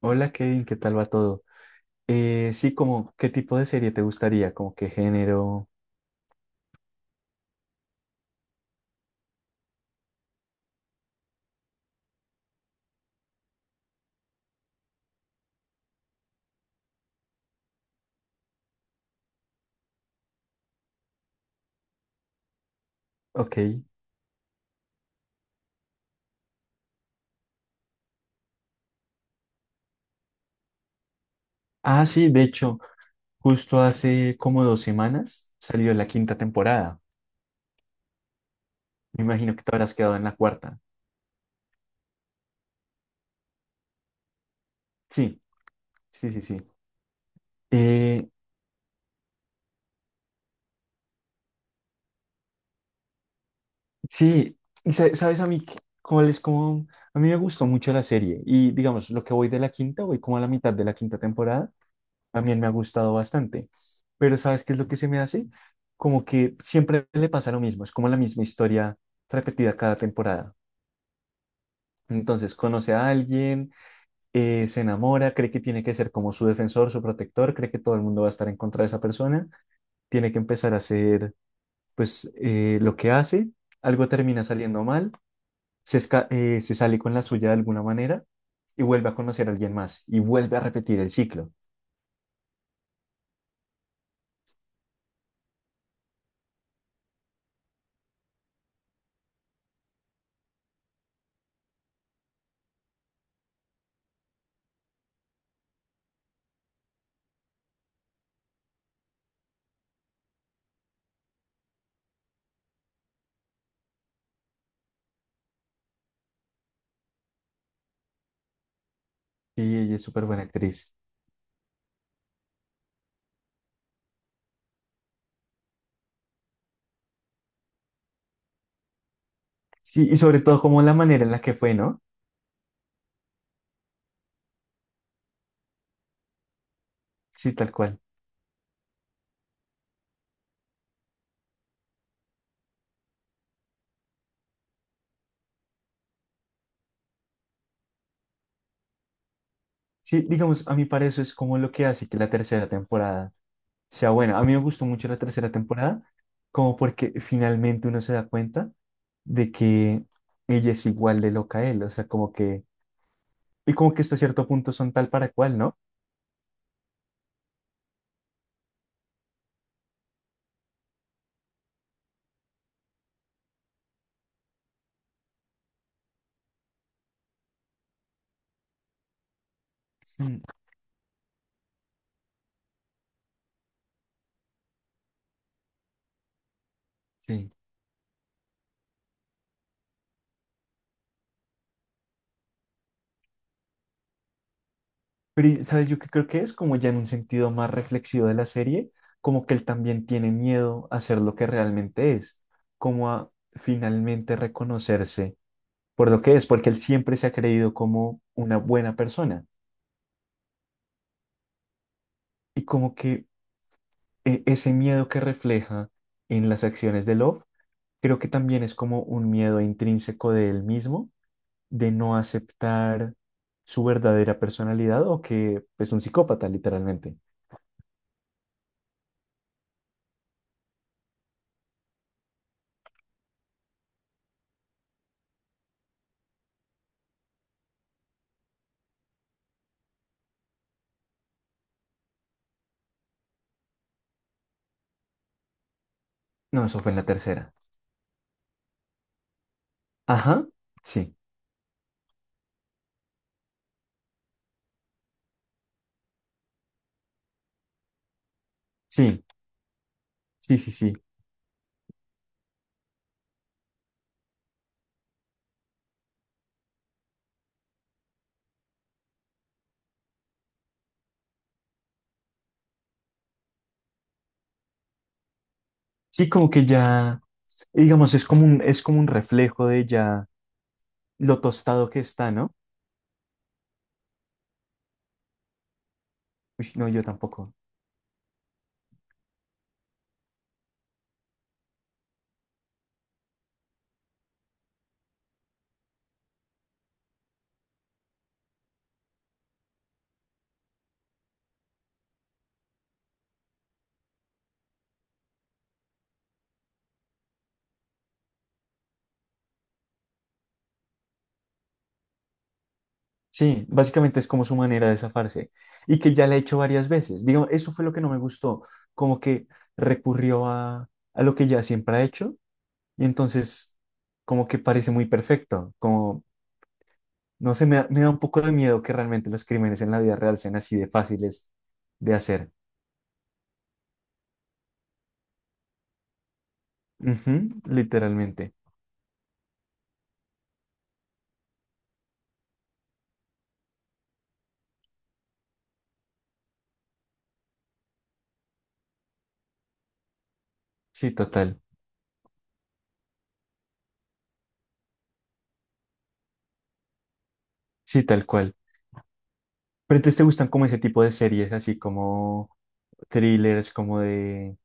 Hola Kevin, ¿qué tal va todo? Sí, como, ¿qué tipo de serie te gustaría? ¿Como qué género? Ok. Ah, sí, de hecho, justo hace como dos semanas salió la quinta temporada. Me imagino que te habrás quedado en la cuarta. Sí, sí, sí, sí. Eh, sí, y sabes a mí cuál es como, a mí me gustó mucho la serie y digamos, lo que voy de la quinta, voy como a la mitad de la quinta temporada también me ha gustado bastante. Pero ¿sabes qué es lo que se me hace? Como que siempre le pasa lo mismo, es como la misma historia repetida cada temporada. Entonces conoce a alguien, se enamora, cree que tiene que ser como su defensor, su protector, cree que todo el mundo va a estar en contra de esa persona, tiene que empezar a hacer pues lo que hace, algo termina saliendo mal, se sale con la suya de alguna manera y vuelve a conocer a alguien más y vuelve a repetir el ciclo. Y ella es súper buena actriz. Sí, y sobre todo como la manera en la que fue, ¿no? Sí, tal cual. Sí, digamos, a mí para eso es como lo que hace que la tercera temporada sea buena. A mí me gustó mucho la tercera temporada, como porque finalmente uno se da cuenta de que ella es igual de loca a él, o sea, como que, y como que hasta cierto punto son tal para cual, ¿no? Mm, sí. Pero, ¿sabes? Yo que creo que es como ya en un sentido más reflexivo de la serie, como que él también tiene miedo a ser lo que realmente es, como a finalmente reconocerse por lo que es, porque él siempre se ha creído como una buena persona. Y como que ese miedo que refleja en las acciones de Love, creo que también es como un miedo intrínseco de él mismo, de no aceptar su verdadera personalidad o que es un psicópata, literalmente. No, eso fue en la tercera. Ajá, sí, sí, sí, sí, sí. Sí, como que ya, digamos, es como un reflejo de ya lo tostado que está, ¿no? Uy, no, yo tampoco. Sí, básicamente es como su manera de zafarse y que ya la he hecho varias veces. Digo, eso fue lo que no me gustó, como que recurrió a lo que ya siempre ha hecho y entonces como que parece muy perfecto, como, no sé, me da un poco de miedo que realmente los crímenes en la vida real sean así de fáciles de hacer. Ujú, literalmente. Sí, total. Sí, tal cual. Pero entonces te gustan como ese tipo de series, así como thrillers, como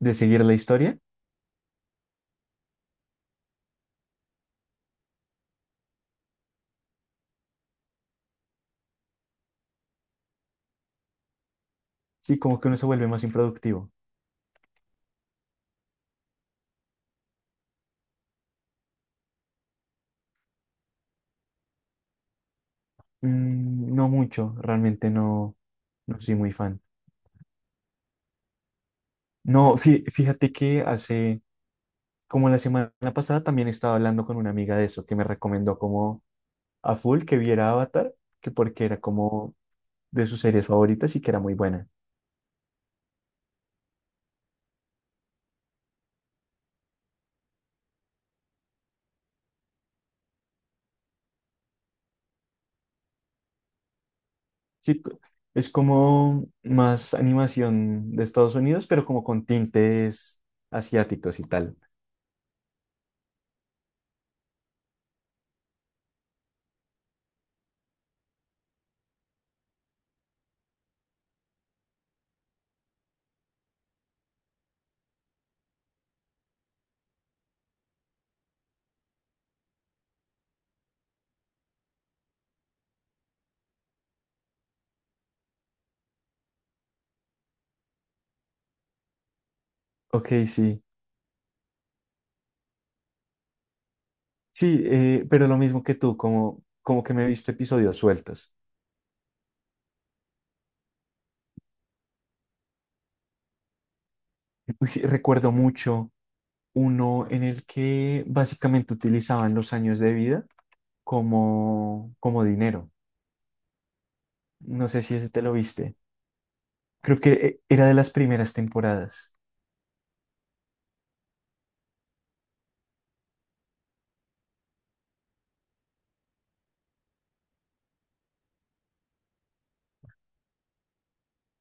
de seguir la historia, sí, como que uno se vuelve más improductivo. Mm, no mucho, realmente no, no soy muy fan. No, fíjate que hace, como la semana pasada, también estaba hablando con una amiga de eso, que me recomendó como a full que viera Avatar, que porque era como de sus series favoritas y que era muy buena. Sí, es como más animación de Estados Unidos, pero como con tintes asiáticos y tal. Ok, sí. Sí, pero lo mismo que tú, como, como que me he visto episodios sueltos. Uy, recuerdo mucho uno en el que básicamente utilizaban los años de vida como, como dinero. No sé si ese te lo viste. Creo que era de las primeras temporadas.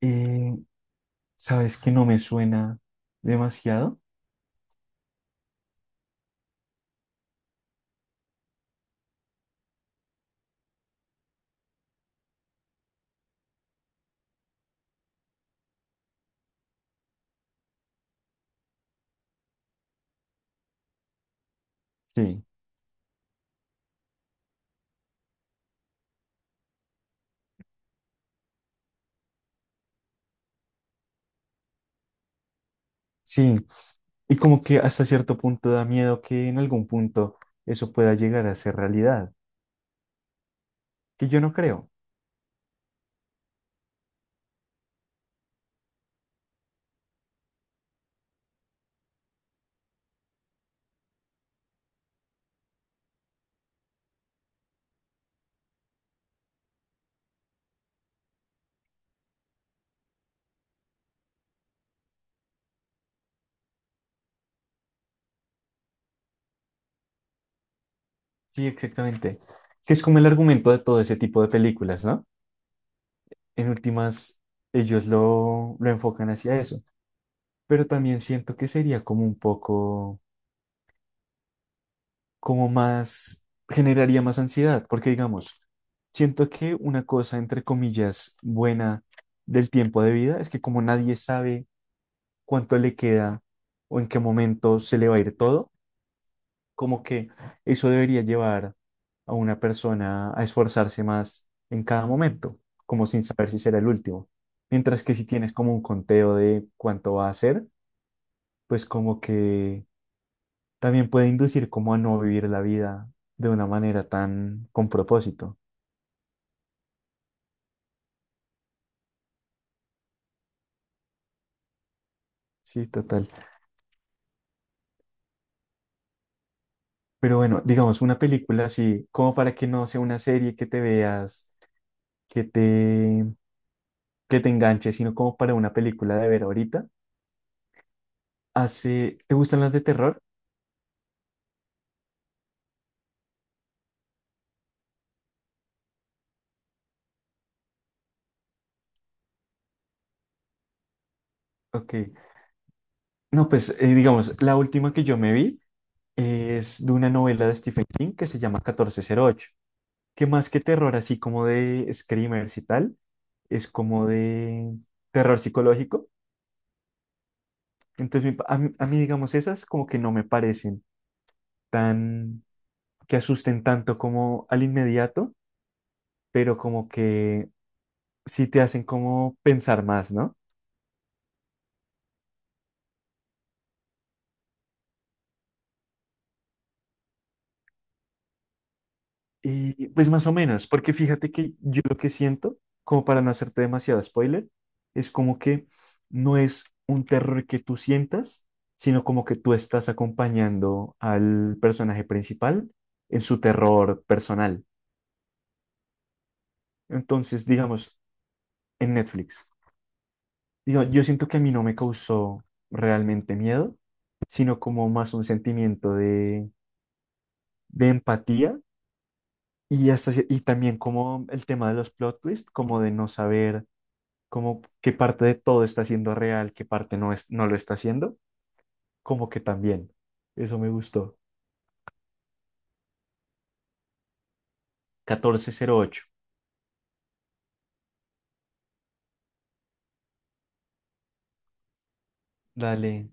Eh, ¿Sabes que no me suena demasiado? Sí, sí. Y como que hasta cierto punto da miedo que en algún punto eso pueda llegar a ser realidad, que yo no creo. Sí, exactamente. Que es como el argumento de todo ese tipo de películas, ¿no? En últimas, ellos lo enfocan hacia eso pero también siento que sería como un poco, como más, generaría más ansiedad, porque digamos, siento que una cosa, entre comillas, buena del tiempo de vida es que como nadie sabe cuánto le queda o en qué momento se le va a ir todo, como que eso debería llevar a una persona a esforzarse más en cada momento, como sin saber si será el último. Mientras que si tienes como un conteo de cuánto va a ser, pues como que también puede inducir como a no vivir la vida de una manera tan con propósito. Sí, total. Pero bueno, digamos, una película así, como para que no sea una serie que te veas, que te, que te enganche, sino como para una película de ver ahorita. Hace, ¿te gustan las de terror? Ok. No, pues digamos, la última que yo me vi es de una novela de Stephen King que se llama 1408, que más que terror, así como de screamers y tal, es como de terror psicológico. Entonces, mi pa- a mí, digamos, esas como que no me parecen tan, que asusten tanto como al inmediato, pero como que sí te hacen como pensar más, ¿no? Y pues más o menos, porque fíjate que yo lo que siento, como para no hacerte demasiado spoiler, es como que no es un terror que tú sientas, sino como que tú estás acompañando al personaje principal en su terror personal. Entonces, digamos, en Netflix. Digo, yo siento que a mí no me causó realmente miedo, sino como más un sentimiento de empatía y, y también como el tema de los plot twists, como de no saber como qué parte de todo está siendo real, qué parte no, es, no lo está haciendo, como que también. Eso me gustó. 1408. Dale,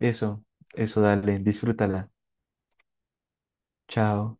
eso, eso, dale, disfrútala. Chao.